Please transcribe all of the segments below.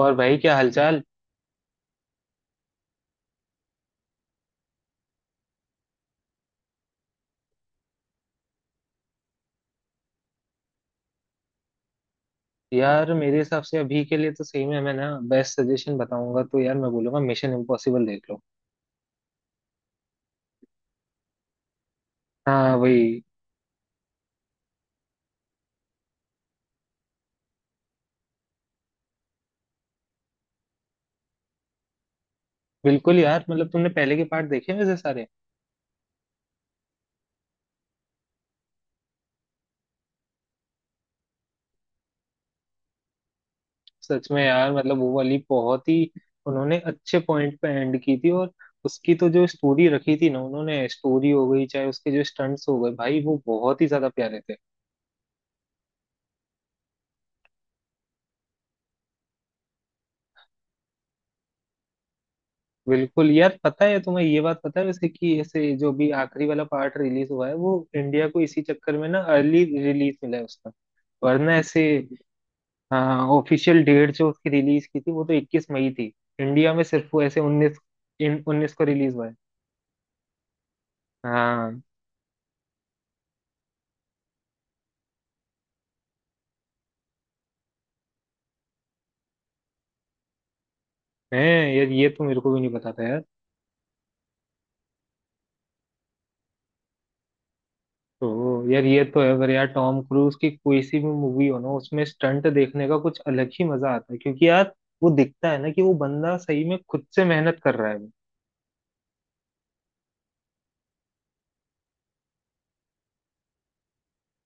और भाई क्या हालचाल। यार मेरे हिसाब से अभी के लिए तो सही में मैं ना बेस्ट सजेशन बताऊंगा तो यार मैं बोलूंगा मिशन इम्पॉसिबल देख लो। हाँ वही। बिल्कुल यार, मतलब तुमने पहले के पार्ट देखे वैसे सारे? सच में यार, मतलब वो वाली बहुत ही उन्होंने अच्छे पॉइंट पे एंड की थी। और उसकी तो जो स्टोरी रखी थी ना उन्होंने, स्टोरी हो गई चाहे उसके जो स्टंट्स हो गए भाई वो बहुत ही ज्यादा प्यारे थे। बिल्कुल यार, पता है तुम्हें ये बात पता है वैसे कि ऐसे जो भी आखिरी वाला पार्ट रिलीज हुआ है वो इंडिया को इसी चक्कर में ना अर्ली रिलीज मिला है उसका। वरना ऐसे हाँ, ऑफिशियल डेट जो उसकी रिलीज की थी वो तो 21 मई थी। इंडिया में सिर्फ वो ऐसे 19, इन 19 को रिलीज हुआ है। हाँ। है। यार ये तो मेरे को भी नहीं पता था यार। तो यार ये तो है, अगर यार टॉम क्रूज की कोई सी भी मूवी हो ना उसमें स्टंट देखने का कुछ अलग ही मजा आता है, क्योंकि यार वो दिखता है ना कि वो बंदा सही में खुद से मेहनत कर रहा है।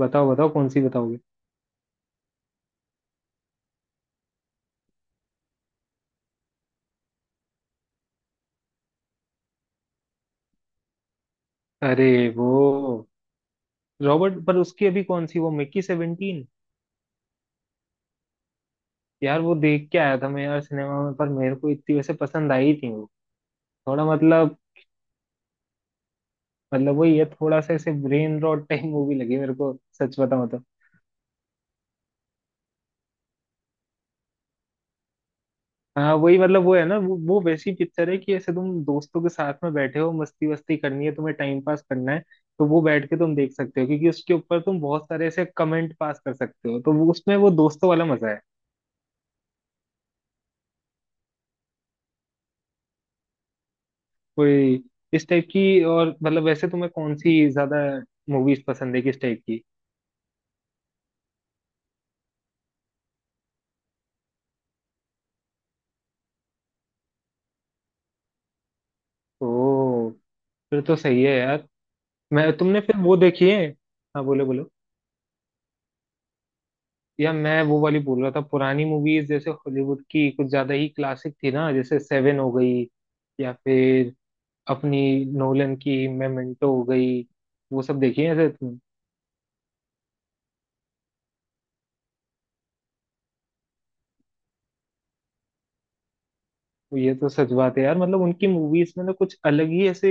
बताओ बताओ कौन सी बताओगे। अरे वो रॉबर्ट पर उसकी अभी कौन सी वो मिक्की सेवेंटीन? यार वो देख के आया था मैं यार सिनेमा में, पर मेरे को इतनी वैसे पसंद आई थी वो, थोड़ा मतलब, मतलब वही है, थोड़ा सा ऐसे ब्रेन रॉट टाइप मूवी लगी मेरे को, सच बताऊं तो। हाँ वही, मतलब वो है ना, वो वैसी पिक्चर है कि ऐसे तुम दोस्तों के साथ में बैठे हो, मस्ती वस्ती करनी है, तुम्हें टाइम पास करना है, तो वो बैठ के तुम देख सकते हो, क्योंकि उसके ऊपर तुम बहुत सारे ऐसे कमेंट पास कर सकते हो, तो वो उसमें वो दोस्तों वाला मजा है। कोई इस टाइप की, और मतलब वैसे तुम्हें कौन सी ज्यादा मूवीज पसंद है किस टाइप की? ओ, फिर तो सही है यार। मैं तुमने फिर वो देखी है? हाँ बोलो बोलो। या मैं वो वाली बोल रहा था, पुरानी मूवीज जैसे हॉलीवुड की कुछ ज्यादा ही क्लासिक थी ना, जैसे सेवन हो गई या फिर अपनी नोलन की मेमेंटो हो गई, वो सब देखी है ऐसे? ये तो सच बात है यार, मतलब उनकी मूवीज में ना कुछ अलग ही ऐसे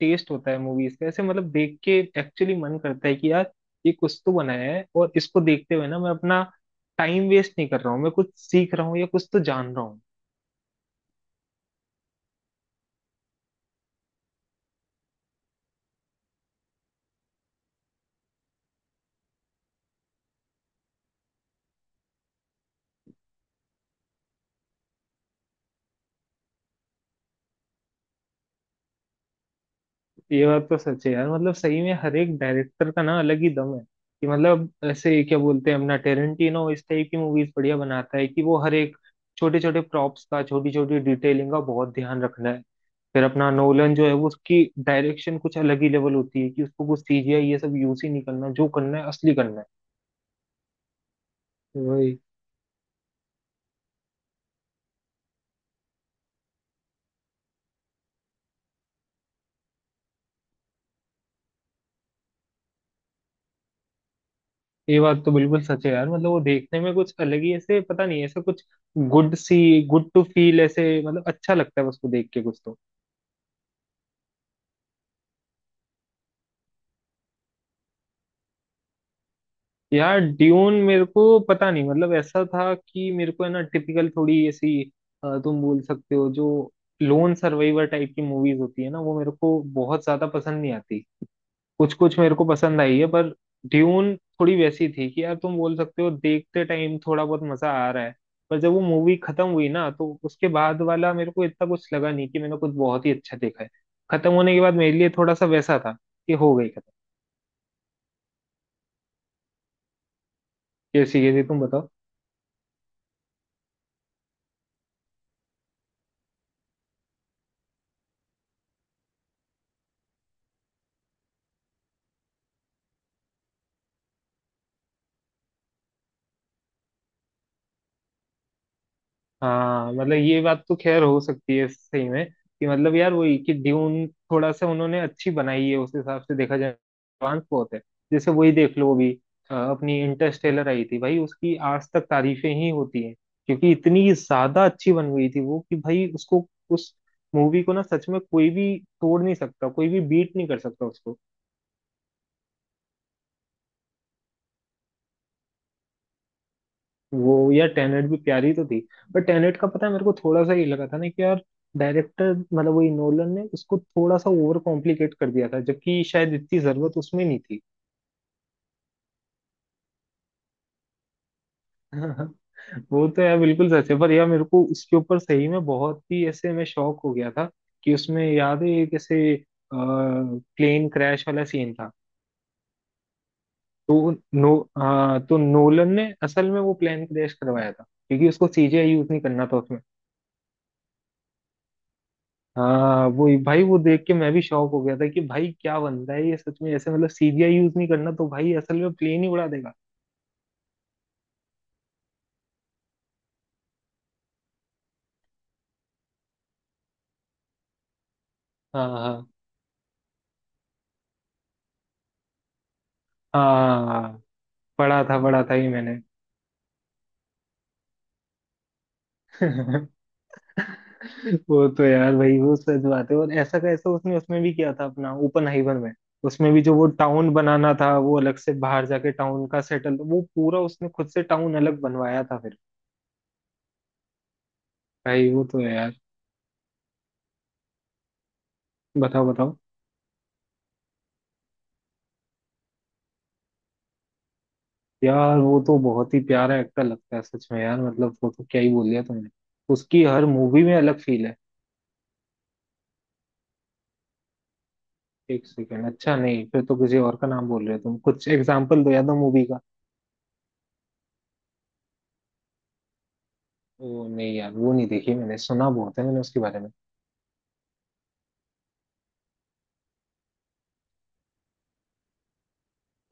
टेस्ट होता है मूवीज का, ऐसे मतलब देख के एक्चुअली मन करता है कि यार ये कुछ तो बनाया है, और इसको देखते हुए ना मैं अपना टाइम वेस्ट नहीं कर रहा हूँ, मैं कुछ सीख रहा हूँ या कुछ तो जान रहा हूँ। ये बात तो सच है यार, मतलब सही में हर एक डायरेक्टर का ना अलग ही दम है। कि मतलब ऐसे क्या बोलते हैं, अपना टेरेंटिनो इस टाइप की मूवीज बढ़िया बनाता है कि वो हर एक छोटे छोटे प्रॉप्स का, छोटी छोटी डिटेलिंग का बहुत ध्यान रखना है। फिर अपना नोलन जो है, वो उसकी डायरेक्शन कुछ अलग ही लेवल होती है कि उसको कुछ सीजीआई ये सब यूज ही नहीं करना, जो करना है असली करना है। वही ये बात तो बिल्कुल सच है यार, मतलब वो देखने में कुछ अलग ही ऐसे पता नहीं ऐसे कुछ गुड सी गुड टू फील, ऐसे मतलब अच्छा लगता है उसको देख के कुछ तो। यार ड्यून मेरे को पता नहीं, मतलब ऐसा था कि मेरे को है ना टिपिकल थोड़ी ऐसी तुम बोल सकते हो जो लोन सर्वाइवर टाइप की मूवीज होती है ना वो मेरे को बहुत ज्यादा पसंद नहीं आती। कुछ कुछ मेरे को पसंद आई है, पर ड्यून थोड़ी वैसी थी कि यार तुम बोल सकते हो देखते टाइम थोड़ा बहुत मजा आ रहा है, पर जब वो मूवी खत्म हुई ना तो उसके बाद वाला मेरे को इतना कुछ लगा नहीं कि मैंने कुछ बहुत ही अच्छा देखा है। खत्म होने के बाद मेरे लिए थोड़ा सा वैसा था कि हो गई खत्म। जैसे ये तुम बताओ। हाँ मतलब ये बात तो खैर हो सकती है सही में, कि मतलब यार वही कि ड्यून थोड़ा सा उन्होंने अच्छी बनाई है, उस हिसाब से देखा जाए एडवांस बहुत है। जैसे वही देख लो अभी अपनी इंटरस्टेलर आई थी भाई, उसकी आज तक तारीफें ही होती हैं। क्योंकि इतनी ज्यादा अच्छी बन गई थी वो कि भाई उसको, उस मूवी को ना, सच में कोई भी तोड़ नहीं सकता, कोई भी बीट नहीं कर सकता उसको। वो यार टेनेट भी प्यारी तो थी, पर टेनेट का पता है मेरे को थोड़ा सा ये लगा था ना कि यार डायरेक्टर, मतलब वही नोलन ने उसको थोड़ा सा ओवर कॉम्प्लिकेट कर दिया था, जबकि शायद इतनी जरूरत उसमें नहीं थी। वो तो यार बिल्कुल सच है, पर यार मेरे को उसके ऊपर सही में बहुत ही ऐसे मैं शॉक हो गया था कि उसमें याद है एक ऐसे प्लेन क्रैश वाला सीन था। तो नो तो नोलन ने असल में वो प्लेन क्रैश करवाया था क्योंकि उसको सीजीआई यूज नहीं करना था। हाँ वो भाई वो देख के मैं भी शॉक हो गया था कि भाई क्या बनता है ये, सच में ऐसे मतलब सीजीआई यूज नहीं करना तो भाई असल में प्लेन ही उड़ा देगा। हाँ हाँ हाँ। पढ़ा था ही मैंने। वो तो यार भाई वो सच बात है, और ऐसा का ऐसा उसने उसमें भी किया था अपना ओपन हाइवर में। उसमें भी जो वो टाउन बनाना था वो अलग से बाहर जाके टाउन का सेटल वो पूरा उसने खुद से टाउन अलग बनवाया था फिर। भाई वो तो है यार, बताओ। यार वो तो बहुत ही प्यारा एक्टर लगता है, सच में यार मतलब वो तो क्या ही बोल दिया तुमने, उसकी हर मूवी में अलग फील है। एक सेकेंड, अच्छा नहीं, फिर तो किसी और का नाम बोल रहे हो तुम, कुछ एग्जाम्पल दो या दो मूवी का। ओ नहीं यार वो नहीं देखी, मैंने सुना बहुत है मैंने उसके बारे में।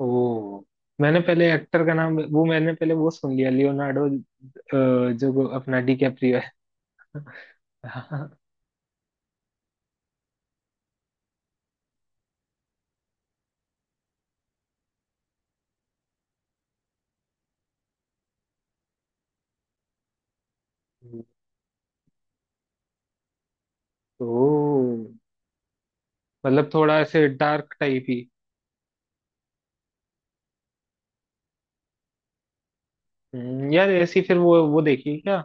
ओ, मैंने पहले एक्टर का नाम, वो मैंने पहले वो सुन लिया लियोनार्डो, जो अपना डिकैप्रियो है। तो मतलब थोड़ा ऐसे डार्क टाइप ही। यार ऐसी फिर वो देखी क्या?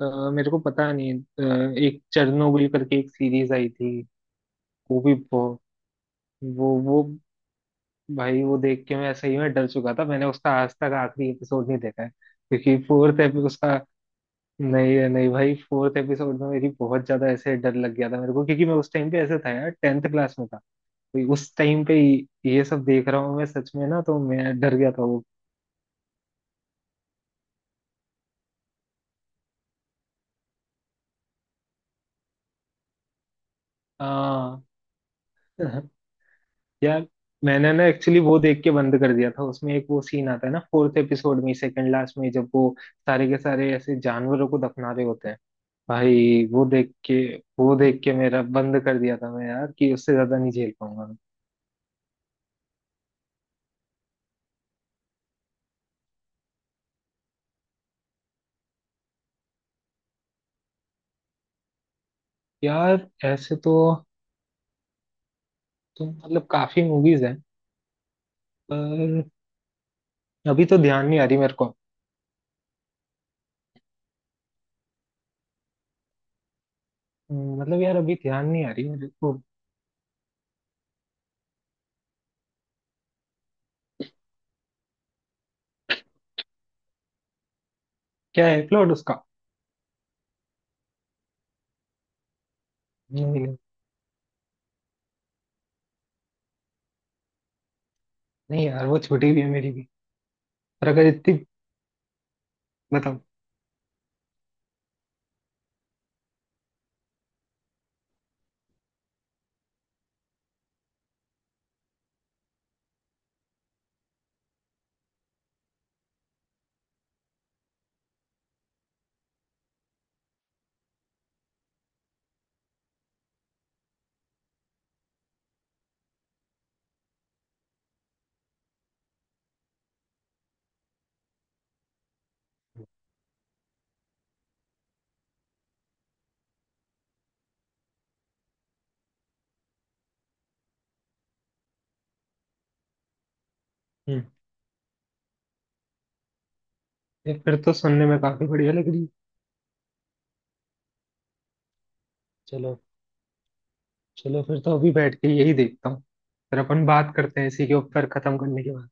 मेरे को पता नहीं, एक चेरनोबिल करके एक सीरीज आई थी। वो भी बहु- वो भाई वो देख के मैं सही में डर चुका था, मैंने उसका आज तक आखिरी एपिसोड नहीं देखा है, क्योंकि फोर्थ एपिसोड उसका नहीं नहीं भाई फोर्थ एपिसोड में मेरी बहुत ज्यादा ऐसे डर लग गया था मेरे को, क्योंकि मैं उस टाइम पे ऐसे था यार टेंथ क्लास में था। भाई उस टाइम पे ये सब देख रहा हूँ मैं सच में ना, तो मैं डर गया था वो। हाँ। यार मैंने ना एक्चुअली वो देख के बंद कर दिया था, उसमें एक वो सीन आता है ना फोर्थ एपिसोड में सेकंड लास्ट में जब वो सारे के सारे ऐसे जानवरों को दफना रहे होते हैं। भाई वो देख के मेरा बंद कर दिया था मैं यार कि उससे ज्यादा नहीं झेल पाऊंगा मैं। यार ऐसे तो तुम मतलब काफी मूवीज हैं, पर अभी तो ध्यान नहीं आ रही मेरे को। मतलब यार अभी ध्यान नहीं आ रही मेरे को। क्या है प्लॉट उसका? नहीं नहीं। नहीं यार वो छोटी भी है मेरी भी, पर अगर इतनी बताओ। हम्म। ये फिर तो सुनने में काफी बढ़िया लग रही है। चलो, चलो फिर तो अभी बैठ के यही देखता हूँ, फिर अपन बात करते हैं इसी के ऊपर खत्म करने के बाद।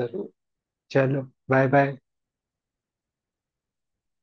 जरूर। चलो, बाय बाय।